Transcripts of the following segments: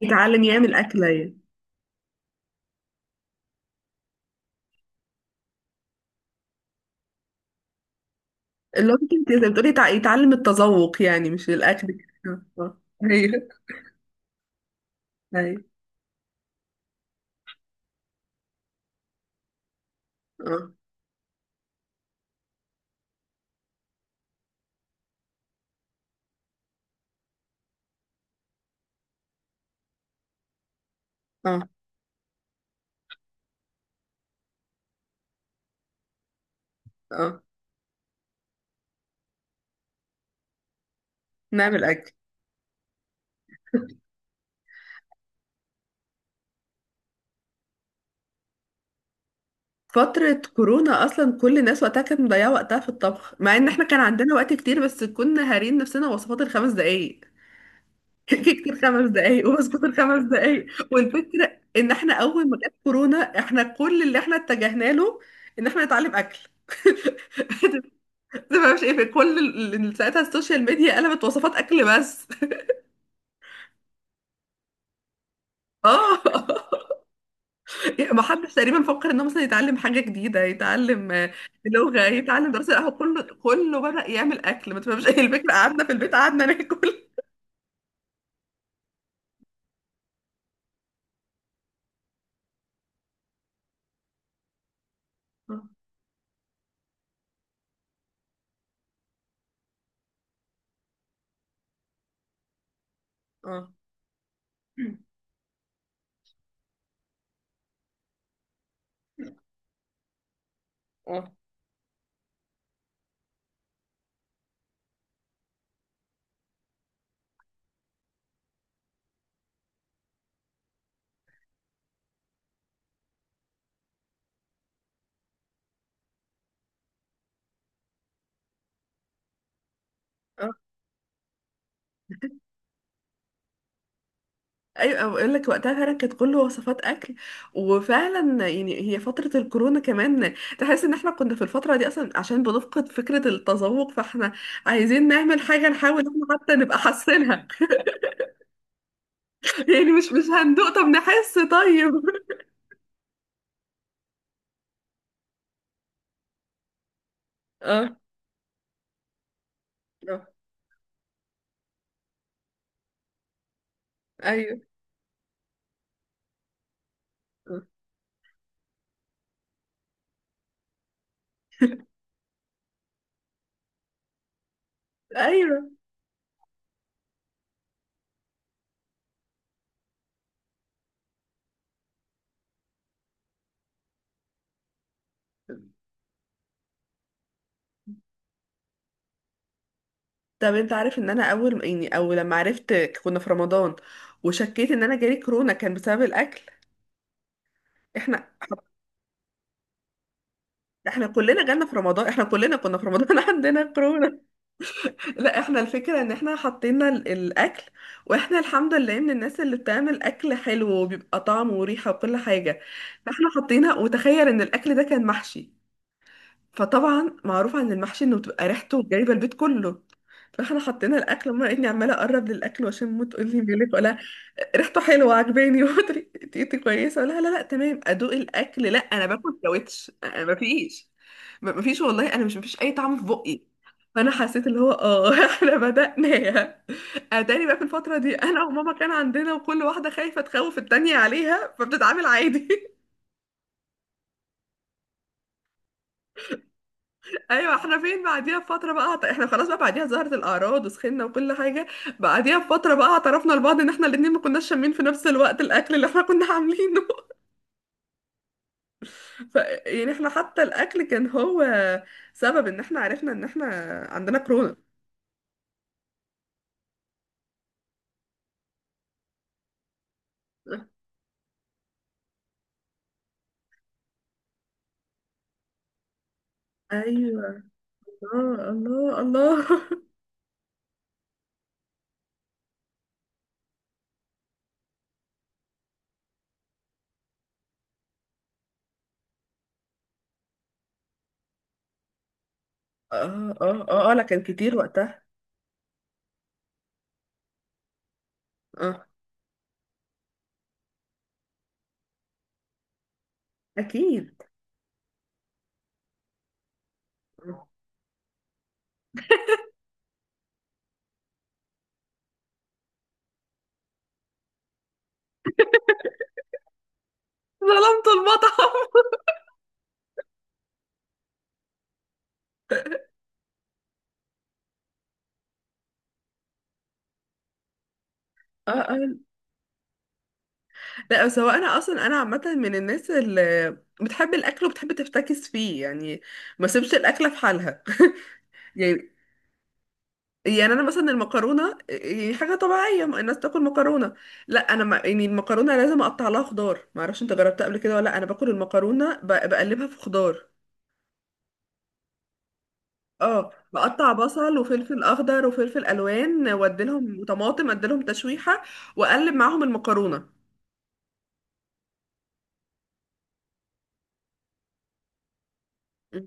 يتعلم يعمل أكلة يعني. اللي هو كنت زي ما بتقولي يتعلم التذوق، يعني مش الأكل كده. آه. أيوه. أيوه. اه. اه. اه. نعمل أكل. فترة كورونا أصلا كل الناس وقتها كانت مضيعة وقتها في الطبخ، مع إن إحنا كان عندنا وقت كتير بس كنا هارين نفسنا وصفات الخمس دقايق. كيكة الخمس دقايق ووصفات الخمس دقايق. والفكرة إن إحنا أول ما جت كورونا، إحنا كل اللي إحنا اتجهنا له إن إحنا نتعلم أكل. ده ما مش إيه، في كل ساعتها السوشيال ميديا قلبت وصفات أكل بس. اه. ما حدش تقريبا فكر انه مثلا يتعلم حاجه جديده، يتعلم لغه، يتعلم دراسه، لا، هو كله كله بدا يعمل اكل، ما تفهمش. ايه الفكره؟ قعدنا في البيت قعدنا ناكل. اه. اه. اه. آه. ايوه بقول لك وقتها فعلا كانت كله وصفات اكل. وفعلا يعني هي فتره الكورونا كمان، تحس ان احنا كنا في الفتره دي اصلا عشان بنفقد فكره التذوق، فاحنا عايزين نعمل حاجه، نحاول إن احنا حتى نبقى حاسينها. يعني مش هندوق، طب نحس طيب. اه. آه. ايوه. ايوه. طب انت عارف ان انا اول، يعني او لما عرفت، كنا في رمضان، وشكيت ان انا جالي كورونا كان بسبب الاكل. احنا، احنا كلنا جالنا في رمضان، احنا كلنا كنا في رمضان عندنا كورونا. لا احنا الفكره ان احنا حطينا الاكل، واحنا الحمد لله من الناس اللي بتعمل اكل حلو وبيبقى طعم وريحه وكل حاجه. فاحنا حطينا وتخيل ان الاكل ده كان محشي، فطبعا معروف عن المحشي انه بتبقى ريحته جايبه البيت كله. فاحنا حطينا الاكل وما لقيتني عماله اقرب للاكل، وعشان ما تقول لي مالك ولا، ريحته حلوه عجباني وطريقتي كويسه ولا، لا لا لا، تمام ادوق الاكل، لا انا باكل ساويتش، أنا مفيش، مفيش، والله انا مش، مفيش اي طعم في بقي. فانا حسيت اللي هو احنا بدأناها. اتاري بقى في الفتره دي انا وماما كان عندنا، وكل واحده خايفه تخوف التانية عليها فبتتعامل عادي. ايوه. احنا فين بعديها بفتره بقى احنا خلاص، بقى بعديها ظهرت الاعراض وسخنا وكل حاجه. بعديها بفتره بقى اعترفنا لبعض ان احنا الاتنين ما كناش شامين في نفس الوقت الاكل اللي احنا كنا عاملينه. ف يعني احنا حتى الاكل كان هو سبب ان احنا عرفنا ان احنا عندنا كورونا. ايوه. اه. الله الله. اه. اه. اه. اه. لا كان كتير وقتها. اه. اكيد. ظلمت المطعم. اه. اه. لا بس هو انا اصلا، انا عامه من الناس اللي بتحب الاكل وبتحب تفتكس فيه يعني، ما سيبش الاكله في حالها. يعني يعني انا مثلا المكرونه يعني حاجه طبيعيه، ما الناس تاكل مكرونه. لا انا ما، يعني المكرونه لازم اقطع لها خضار، ما اعرفش انت جربتها قبل كده ولا لأ. انا باكل المكرونه بقلبها في خضار. اه بقطع بصل وفلفل اخضر وفلفل الوان واديلهم، وطماطم اديلهم تشويحه، واقلب معاهم المكرونه. م.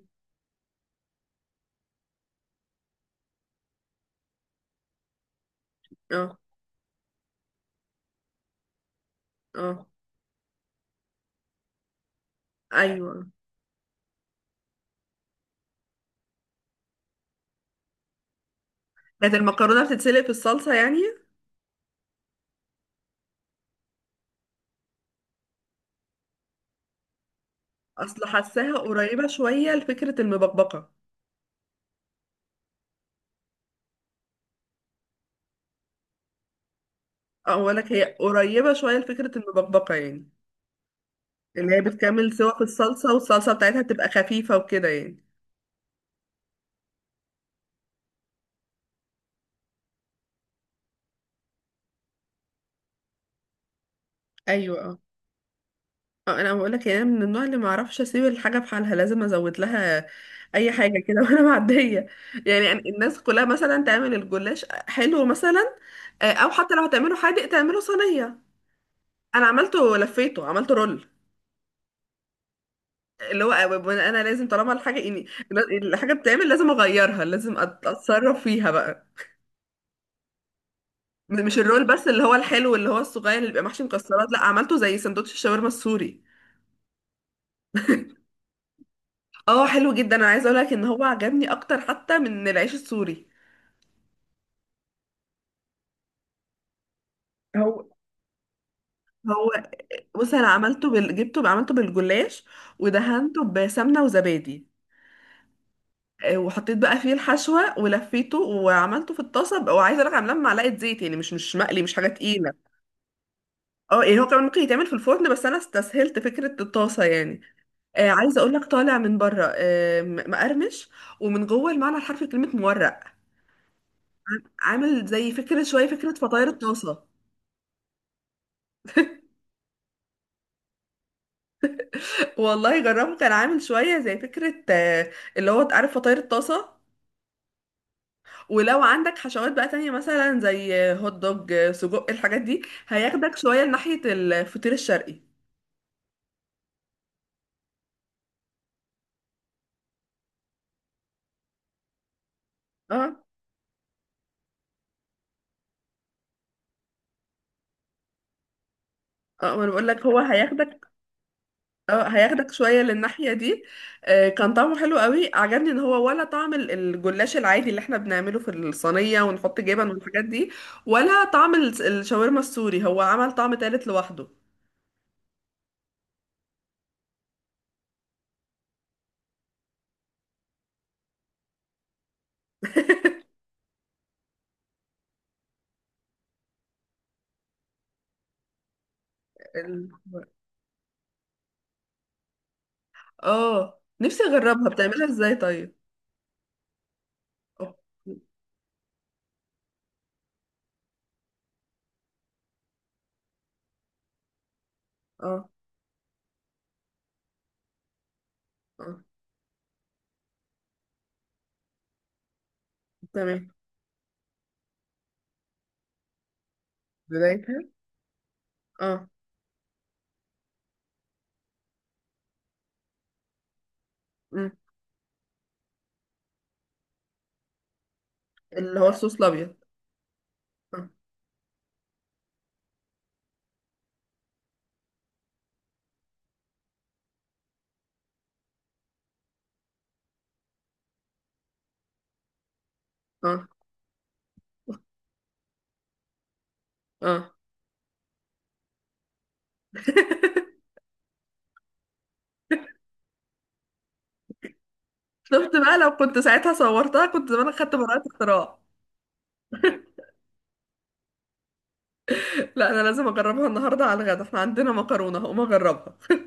اه. اه. ايوه. كانت المكرونه بتتسلق في الصلصه يعني؟ اصل حاساها قريبة شوية لفكرة المبكبكة. اقولك هي قريبة شوية لفكرة المبكبكة يعني، اللي هي بتكمل سوا في الصلصة، والصلصة بتاعتها بتبقى خفيفة وكده يعني. ايوه. اه. انا بقولك يعني أنا من النوع اللي معرفش اسيب الحاجة في حالها، لازم ازود لها اي حاجة كده. وانا معدية. يعني الناس كلها مثلا تعمل الجلاش حلو مثلا، او حتى لو هتعمله حادق تعمله صينية. انا عملته لفيته عملته رول، اللي هو انا لازم طالما الحاجه، يعني الحاجه بتتعمل لازم اغيرها، لازم اتصرف فيها بقى. مش الرول بس، اللي هو الحلو اللي هو الصغير اللي بيبقى محشي مكسرات، لا عملته زي سندوتش الشاورما السوري. اه حلو جدا. انا عايزه اقول لك ان هو عجبني اكتر حتى من العيش السوري. هو هو بص انا عملته جبته عملته بالجلاش، ودهنته بسمنه وزبادي، وحطيت بقى فيه الحشوه ولفيته وعملته في الطاسه. وعايزه اقول لك عاملاه بمعلقه زيت يعني، مش مقلي، مش حاجه تقيله. اه يعني هو كمان ممكن يتعمل في الفرن، بس انا استسهلت فكره الطاسه يعني. عايزه اقول لك طالع من بره مقرمش، ومن جوه المعنى الحرفي كلمه مورق. عامل زي فكره شويه فكره فطاير الطاسه. والله جربه، كان عامل شويه زي فكره، اللي هو عارف فطاير الطاسه. ولو عندك حشوات بقى تانية مثلا زي هوت دوج، سجق، الحاجات دي هياخدك شويه لناحيه الفطير الشرقي. اه. اه ما انا بقول لك هو هياخدك. اه هياخدك شوية للناحية دي. كان طعمه حلو قوي. عجبني ان هو ولا طعم الجلاش العادي اللي احنا بنعمله في الصينية ونحط جبن والحاجات دي، ولا طعم الشاورما السوري، هو عمل طعم تالت لوحده. ال- اه نفسي اجربها، بتعملها ازاي طيب؟ اه. اه. آه، تمام. بدايتها. اه. مم. اللي هو الصوص الابيض. اه. اه. اه. شفت بقى لو كنت ساعتها صورتها كنت زمان خدت براءة اختراع. لا انا لازم اجربها النهارده على الغدا، احنا عندنا مكرونه هقوم اجربها.